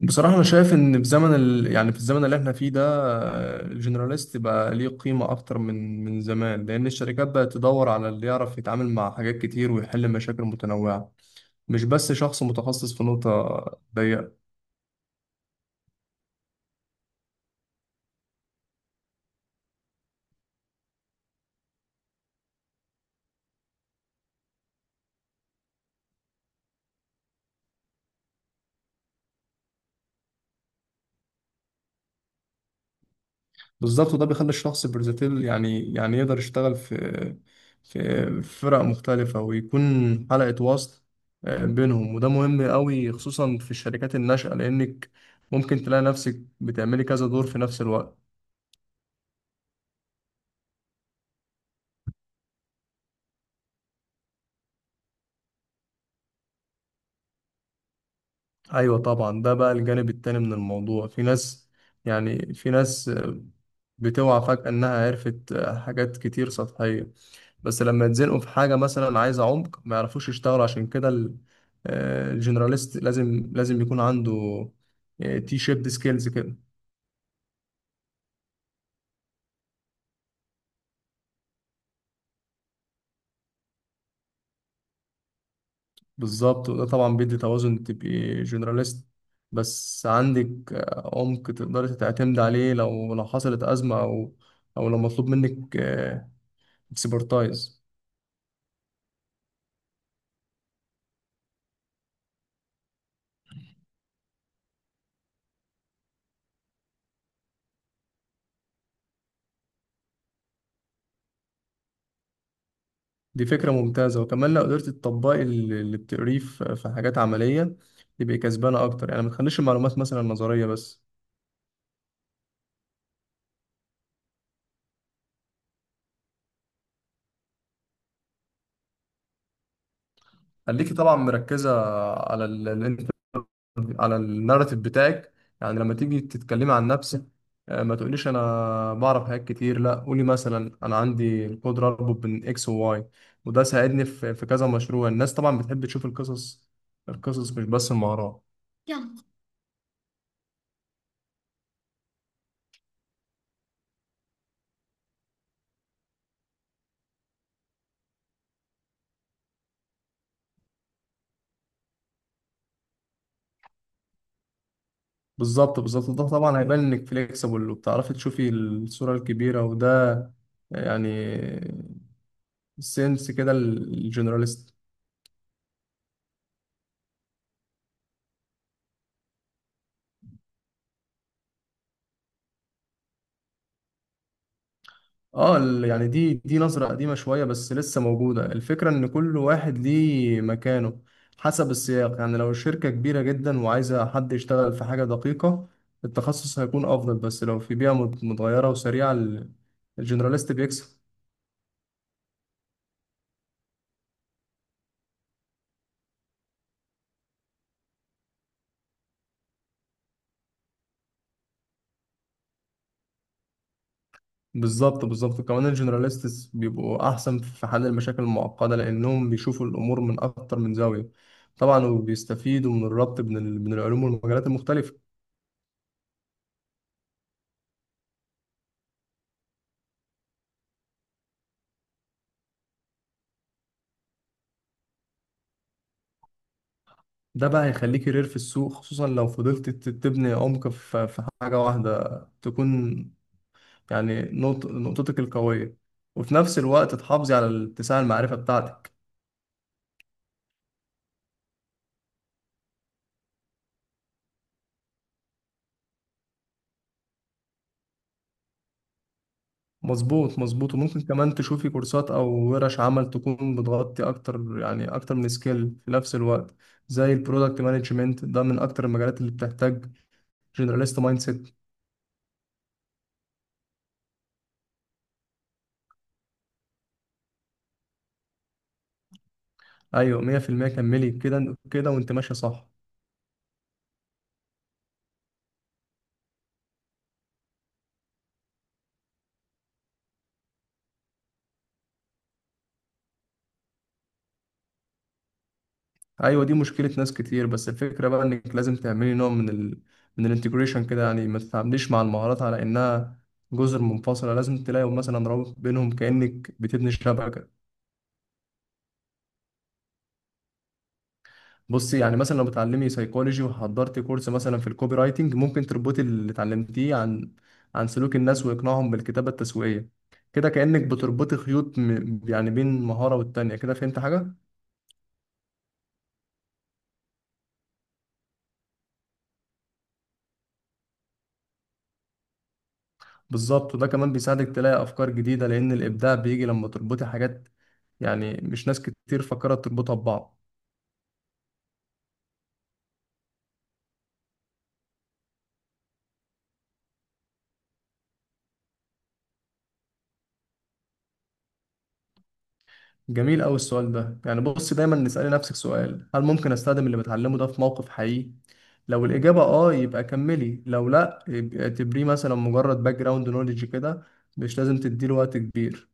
بصراحة أنا شايف إن في زمن ال... يعني في الزمن اللي إحنا فيه ده، الجنراليست بقى ليه قيمة أكتر من زمان، لأن الشركات بقت تدور على اللي يعرف يتعامل مع حاجات كتير ويحل مشاكل متنوعة، مش بس شخص متخصص في نقطة ضيقة. بالظبط، وده بيخلي الشخص برزتيل، يعني يقدر يشتغل في فرق مختلفة ويكون حلقة وصل بينهم، وده مهم قوي خصوصا في الشركات الناشئة، لأنك ممكن تلاقي نفسك بتعملي كذا دور في نفس الوقت. ايوه طبعا، ده بقى الجانب التاني من الموضوع. في ناس، يعني في ناس بتوعى فجأة انها عرفت حاجات كتير سطحية، بس لما يتزنقوا في حاجة مثلا عايزة عمق ما يعرفوش يشتغلوا. عشان كده الجنراليست لازم يكون عنده تي شيبد سكيلز كده. بالظبط، وده طبعا بيدي توازن، تبقي جنراليست بس عندك عمق تقدري تعتمد عليه لو حصلت أزمة، او لو مطلوب منك اكسبرتايز. دي فكرة ممتازة، وكمان لو قدرت تطبقي اللي بتقريه في حاجات عملية تبقي كسبانة أكتر، يعني ما تخليش المعلومات مثلا نظرية بس. خليكي طبعا مركزة على ال ال على الناراتيف بتاعك، يعني لما تيجي تتكلمي عن نفسك ما تقوليش أنا بعرف حاجات كتير، لا، قولي مثلا أنا عندي القدرة أربط بين إكس وواي، وده ساعدني في كذا مشروع. الناس طبعا بتحب تشوف القصص، مش بس المهارات. بالظبط ده طبعا هيبان انك فليكسبل وبتعرفي تشوفي الصورة الكبيرة، وده يعني سنس كده الجنراليست. اه، دي نظرة قديمة شوية بس لسه موجودة. الفكرة ان كل واحد ليه مكانه حسب السياق، يعني لو الشركة كبيرة جدا وعايزة حد يشتغل في حاجة دقيقة، التخصص هيكون افضل، بس لو في بيئة متغيرة وسريعة الجنراليست بيكسب. بالظبط كمان الجنراليستس بيبقوا احسن في حل المشاكل المعقده لانهم بيشوفوا الامور من اكتر من زاويه، طبعا، وبيستفيدوا من الربط بين العلوم والمجالات المختلفه. ده بقى هيخليك كارير في السوق، خصوصا لو فضلت تبني عمق في حاجه واحده تكون يعني نقطتك القويه، وفي نفس الوقت تحافظي على الاتساع المعرفه بتاعتك. مظبوط وممكن كمان تشوفي كورسات او ورش عمل تكون بتغطي اكتر، يعني اكتر من سكيل في نفس الوقت، زي البرودكت مانجمنت. ده من اكتر المجالات اللي بتحتاج جنراليست مايند سيت. ايوه، 100%، كملي كده كده وانت ماشيه صح. ايوه دي مشكله ناس كتير، بس الفكره بقى انك لازم تعملي نوع من ال من الانتجريشن كده، يعني ما تتعامليش مع المهارات على انها جزر منفصله. لازم تلاقي مثلا رابط بينهم كانك بتبني شبكه. بصي، يعني مثلا لو بتعلمي سيكولوجي وحضرتي كورس مثلا في الكوبي رايتنج، ممكن تربطي اللي اتعلمتيه عن سلوك الناس وإقناعهم بالكتابة التسويقية، كده كأنك بتربطي خيوط م... يعني بين مهارة والتانية. كده فهمت حاجة؟ بالظبط، وده كمان بيساعدك تلاقي أفكار جديدة، لأن الإبداع بيجي لما تربطي حاجات يعني مش ناس كتير فكرت تربطها ببعض. جميل أوي السؤال ده. يعني بص، دايما نسألي نفسك سؤال: هل ممكن أستخدم اللي بتعلمه ده في موقف حقيقي؟ لو الإجابة آه يبقى كملي، لو لأ يبقى اعتبريه مثلا مجرد باك جراوند نوليدج كده، مش لازم تديله وقت كبير.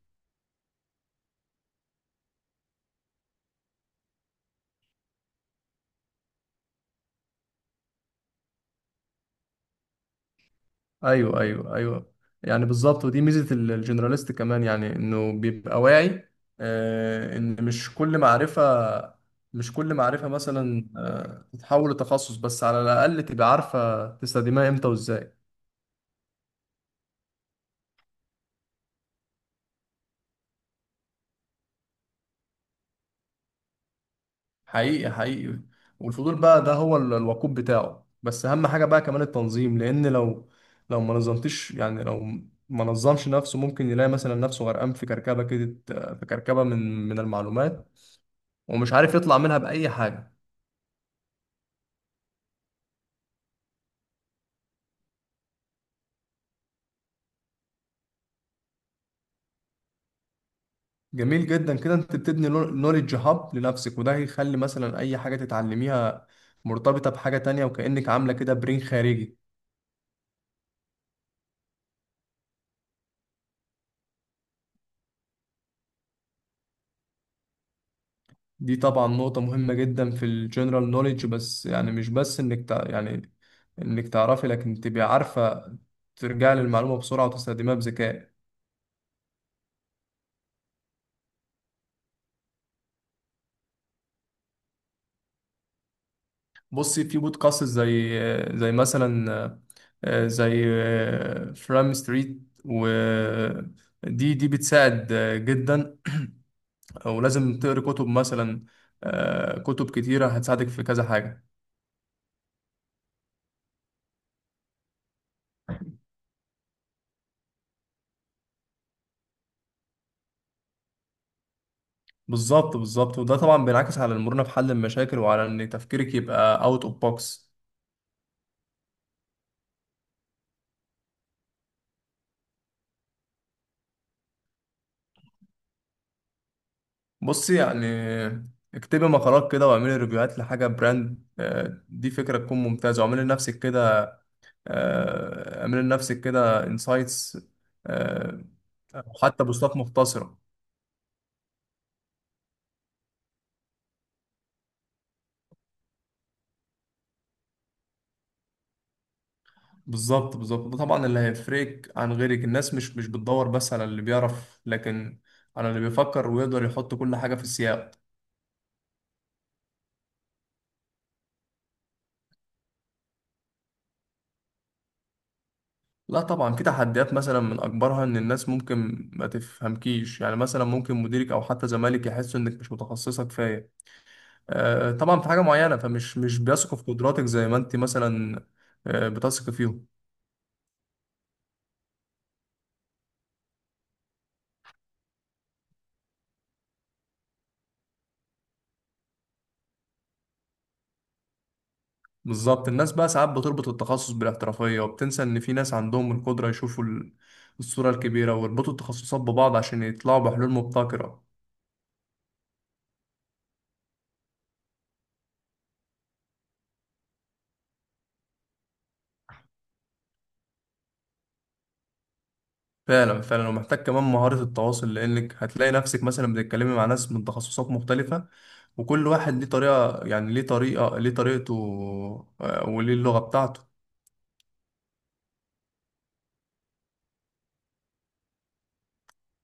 أيوه أيوه أيوه، يعني بالظبط. ودي ميزة الجنراليست كمان، يعني إنه بيبقى واعي إن مش كل معرفة، مثلا تتحول لتخصص، بس على الأقل تبقى عارفة تستخدمها إمتى وإزاي. حقيقي والفضول بقى ده هو الوقود بتاعه، بس اهم حاجة بقى كمان التنظيم، لان لو ما نظمتش، يعني ما نظمش نفسه ممكن يلاقي مثلا نفسه غرقان في كركبة كده، في كركبة من المعلومات، ومش عارف يطلع منها بأي حاجة. جميل جدا كده، انت بتبني نوليدج هاب لنفسك، وده هيخلي مثلا اي حاجة تتعلميها مرتبطة بحاجة تانية، وكأنك عاملة كده برين خارجي. دي طبعا نقطة مهمة جدا في الجنرال نوليدج، بس يعني مش بس انك تع... يعني انك تعرفي، لكن تبقي عارفة ترجعي للمعلومة بسرعة وتستخدميها بذكاء. بصي، في بودكاست زي مثلا، آه، زي فرام ستريت، و دي بتساعد جدا. ولازم تقري كتب مثلا، كتب كتيرة هتساعدك في كذا حاجة. بالظبط وده طبعا بينعكس على المرونة في حل المشاكل، وعلى ان تفكيرك يبقى اوت اوف بوكس. بصي يعني، اكتبي مقالات كده واعملي ريفيوهات لحاجة براند، دي فكرة تكون ممتازة، واعملي لنفسك كده، انسايتس، أو حتى بوستات مختصرة. بالظبط ده طبعا اللي هيفرقك عن غيرك. الناس مش بتدور بس على اللي بيعرف، لكن على اللي بيفكر ويقدر يحط كل حاجة في السياق. لا طبعا في تحديات، مثلا من أكبرها إن الناس ممكن ما تفهمكيش، يعني مثلا ممكن مديرك أو حتى زمالك يحسوا إنك مش متخصصة كفاية طبعا في حاجة معينة، فمش مش بيثقوا في قدراتك زي ما انت مثلا بتثق فيهم. بالظبط، الناس بقى ساعات بتربط التخصص بالاحترافية، وبتنسى ان في ناس عندهم القدرة يشوفوا الصورة الكبيرة ويربطوا التخصصات ببعض عشان يطلعوا بحلول مبتكرة. فعلا ومحتاج كمان مهارة التواصل، لانك هتلاقي نفسك مثلا بتتكلمي مع ناس من تخصصات مختلفة، وكل واحد ليه طريقة، ليه طريقته وليه اللغة بتاعته.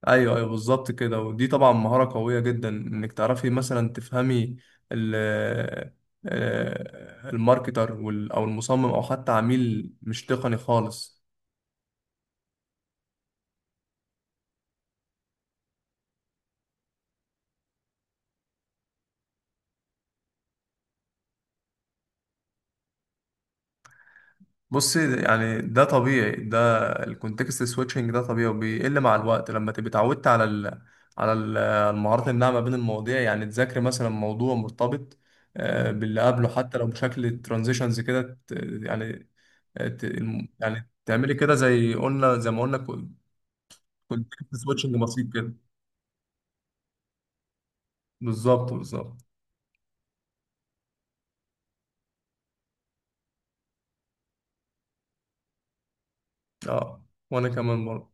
ايوه بالظبط كده، ودي طبعا مهارة قوية جدا، انك تعرفي مثلا تفهمي ال آه، الماركتر او المصمم او حتى عميل مش تقني خالص. بصي يعني، ده طبيعي، ده الكونتكست سويتشنج ده طبيعي وبيقل مع الوقت لما تبقي اتعودت على المهارات الناعمة بين المواضيع، يعني تذاكري مثلا موضوع مرتبط باللي قبله حتى لو بشكل ترانزيشنز كده، يعني آه، ت- تعملي كده زي قلنا زي ما قلنا، كنت سويتشنج بسيط كده. بالظبط اه وانا كمان برضه.